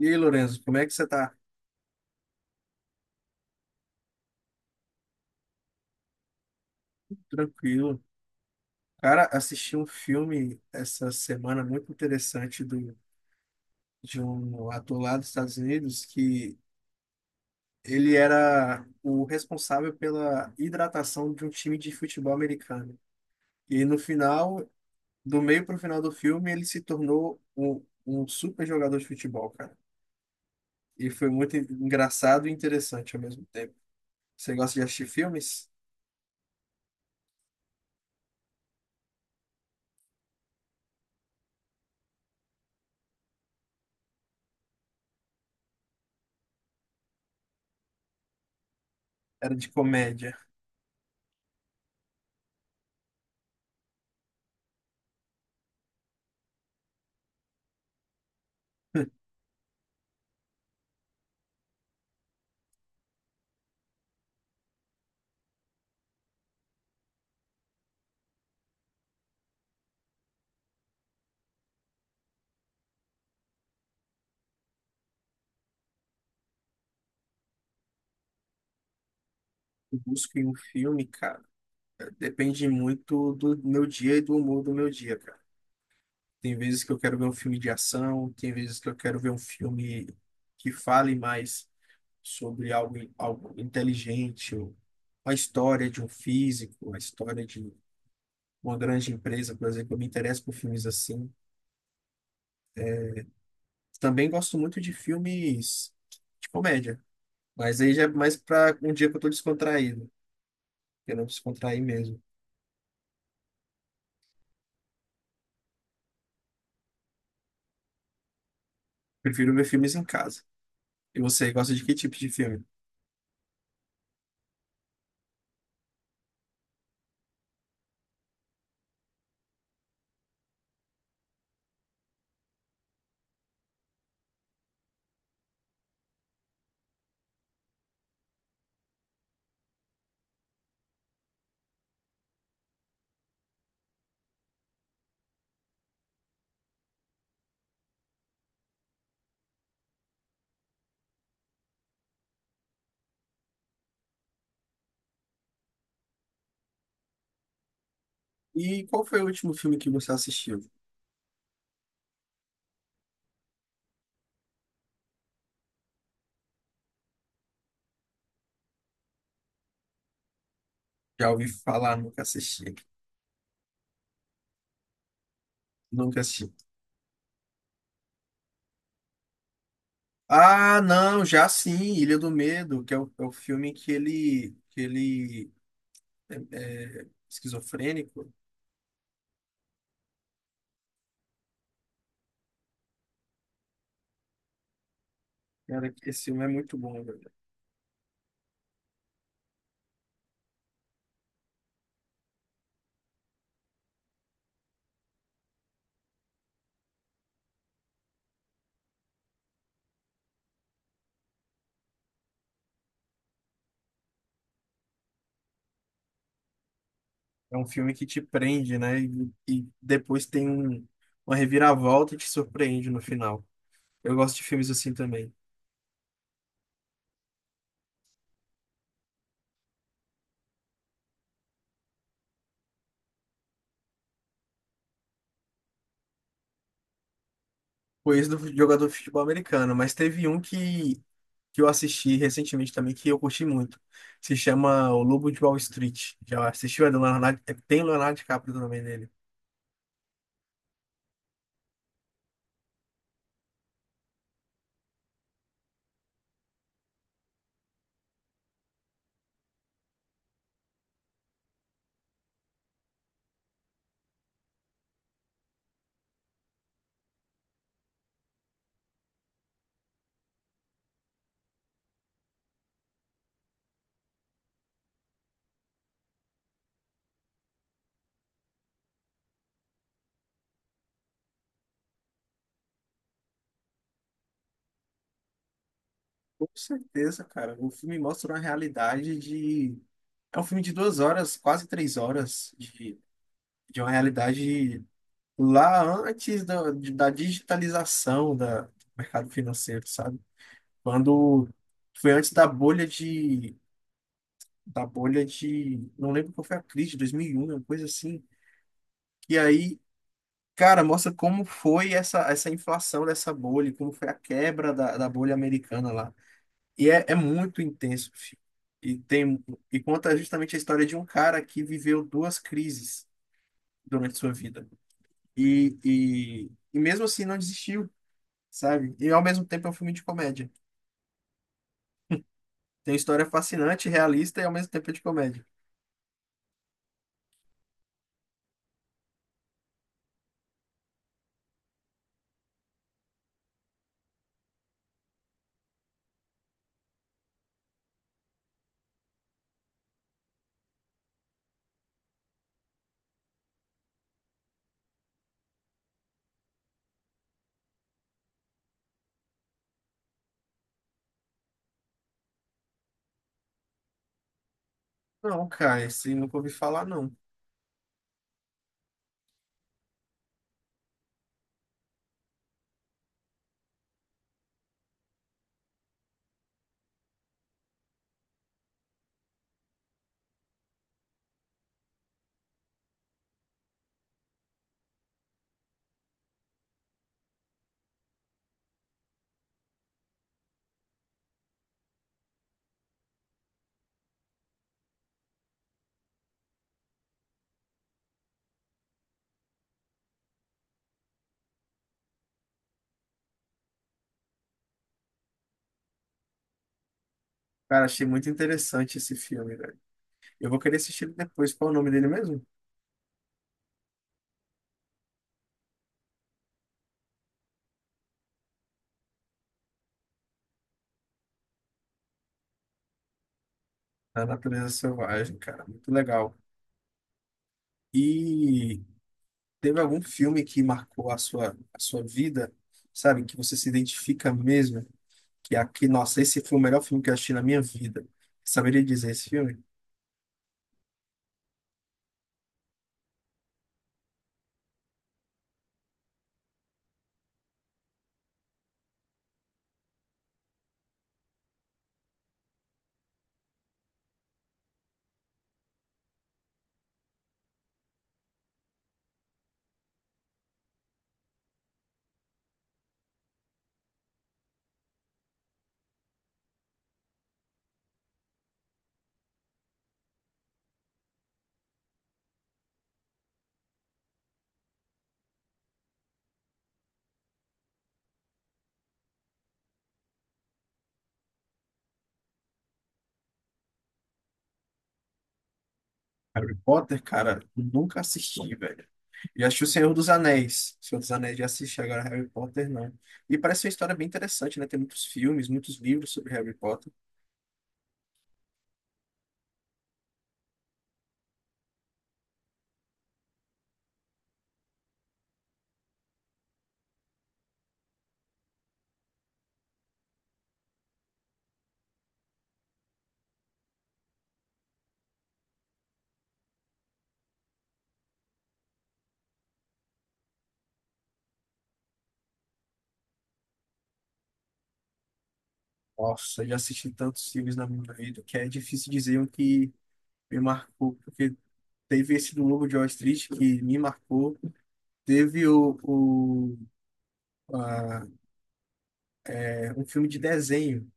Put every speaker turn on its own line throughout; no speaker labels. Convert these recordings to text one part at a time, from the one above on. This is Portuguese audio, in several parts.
E aí, Lorenzo, como é que você tá? Tranquilo? Cara, assisti um filme essa semana muito interessante de um ator lá dos Estados Unidos que ele era o responsável pela hidratação de um time de futebol americano. E no final, do meio para o final do filme, ele se tornou um super jogador de futebol, cara. E foi muito engraçado e interessante ao mesmo tempo. Você gosta de assistir filmes? Era de comédia. Eu busco em um filme, cara. Depende muito do meu dia e do humor do meu dia, cara. Tem vezes que eu quero ver um filme de ação, tem vezes que eu quero ver um filme que fale mais sobre algo inteligente, ou a história de um físico, a história de uma grande empresa, por exemplo. Eu me interesso por filmes assim. Também gosto muito de filmes de comédia, mas aí já é mais para um dia que eu tô descontraído, que eu não descontrair mesmo. Prefiro ver filmes em casa. E você gosta de que tipo de filme? E qual foi o último filme que você assistiu? Já ouvi falar, nunca assisti. Nunca assisti. Ah, não, já sim, Ilha do Medo, que é o filme que ele é, é esquizofrênico. Cara, esse filme é muito bom, velho. É um filme que te prende, né? E depois tem uma reviravolta e te surpreende no final. Eu gosto de filmes assim também. Foi esse do jogador de futebol americano, mas teve um que eu assisti recentemente também, que eu curti muito. Se chama O Lobo de Wall Street. Já assistiu? É do Leonardo, tem Leonardo DiCaprio também nele. Com certeza, cara. O filme mostra uma realidade de. É um filme de duas horas, quase três horas, de uma realidade lá antes da digitalização do mercado financeiro, sabe? Quando foi antes da bolha de. Da bolha de. Não lembro qual foi a crise, 2001, uma coisa assim. E aí cara, mostra como foi essa, essa inflação dessa bolha, como foi a quebra da, da bolha americana lá. E é, é muito intenso, filho. E tem, e conta justamente a história de um cara que viveu duas crises durante sua vida. E mesmo assim não desistiu, sabe? E ao mesmo tempo é um filme de comédia. Tem história fascinante, realista e ao mesmo tempo é de comédia. Não, cara, esse nunca ouvi falar, não. Cara, achei muito interessante esse filme, velho. Eu vou querer assistir ele depois. Qual é o nome dele mesmo? Da natureza selvagem, cara. Muito legal. E teve algum filme que marcou a sua vida, sabe? Que você se identifica mesmo? Que é aqui, nossa, esse foi o melhor filme que eu assisti na minha vida. Saberia dizer esse filme? Harry Potter, cara, eu nunca assisti, velho. Já assisti O Senhor dos Anéis. O Senhor dos Anéis já assisti, agora Harry Potter não. E parece uma história bem interessante, né? Tem muitos filmes, muitos livros sobre Harry Potter. Nossa, já assisti tantos filmes na minha vida que é difícil dizer um que me marcou, porque teve esse do Lobo de Wall Street que me marcou. Teve a- um filme de desenho,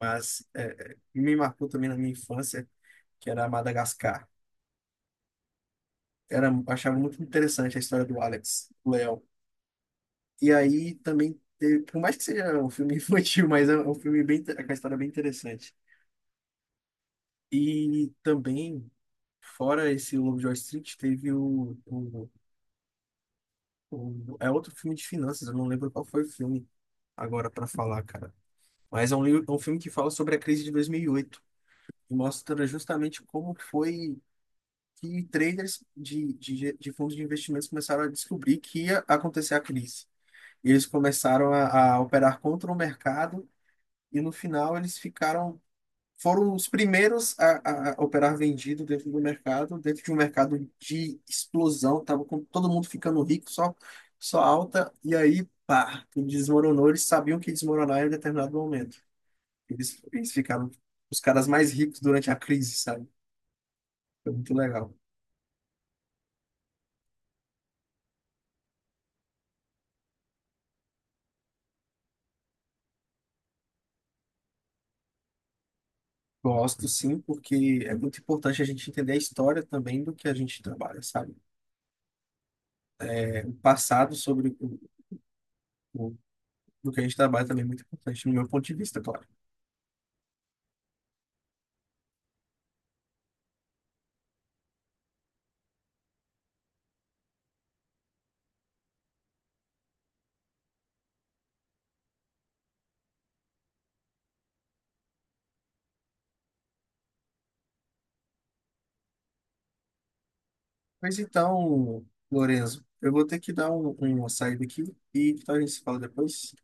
mas me marcou também na minha infância, que era Madagascar. Era, eu achava muito interessante a história do Alex, o leão. E aí também, teve, por mais que seja um filme infantil, mas é um filme bem, com a história bem interessante. E também, fora esse Lobo de Wall Street, teve o- é outro filme de finanças, eu não lembro qual foi o filme agora para falar, cara. Mas é um filme que fala sobre a crise de 2008 e oito e mostra justamente como foi que traders de fundos de investimentos começaram a descobrir que ia acontecer a crise. E eles começaram a operar contra o mercado e no final eles ficaram, foram os primeiros a operar vendido dentro do mercado, dentro de um mercado de explosão, tava com todo mundo ficando rico, só, só alta, e aí, pá, tudo desmoronou, eles sabiam que ia desmoronar em um determinado momento. Eles ficaram os caras mais ricos durante a crise, sabe? Foi muito legal. Gosto sim, porque é muito importante a gente entender a história também do que a gente trabalha, sabe? O passado sobre o, do que a gente trabalha também é muito importante, no meu ponto de vista, claro. Mas então, Lorenzo, eu vou ter que dar uma saída aqui e então a gente se fala depois.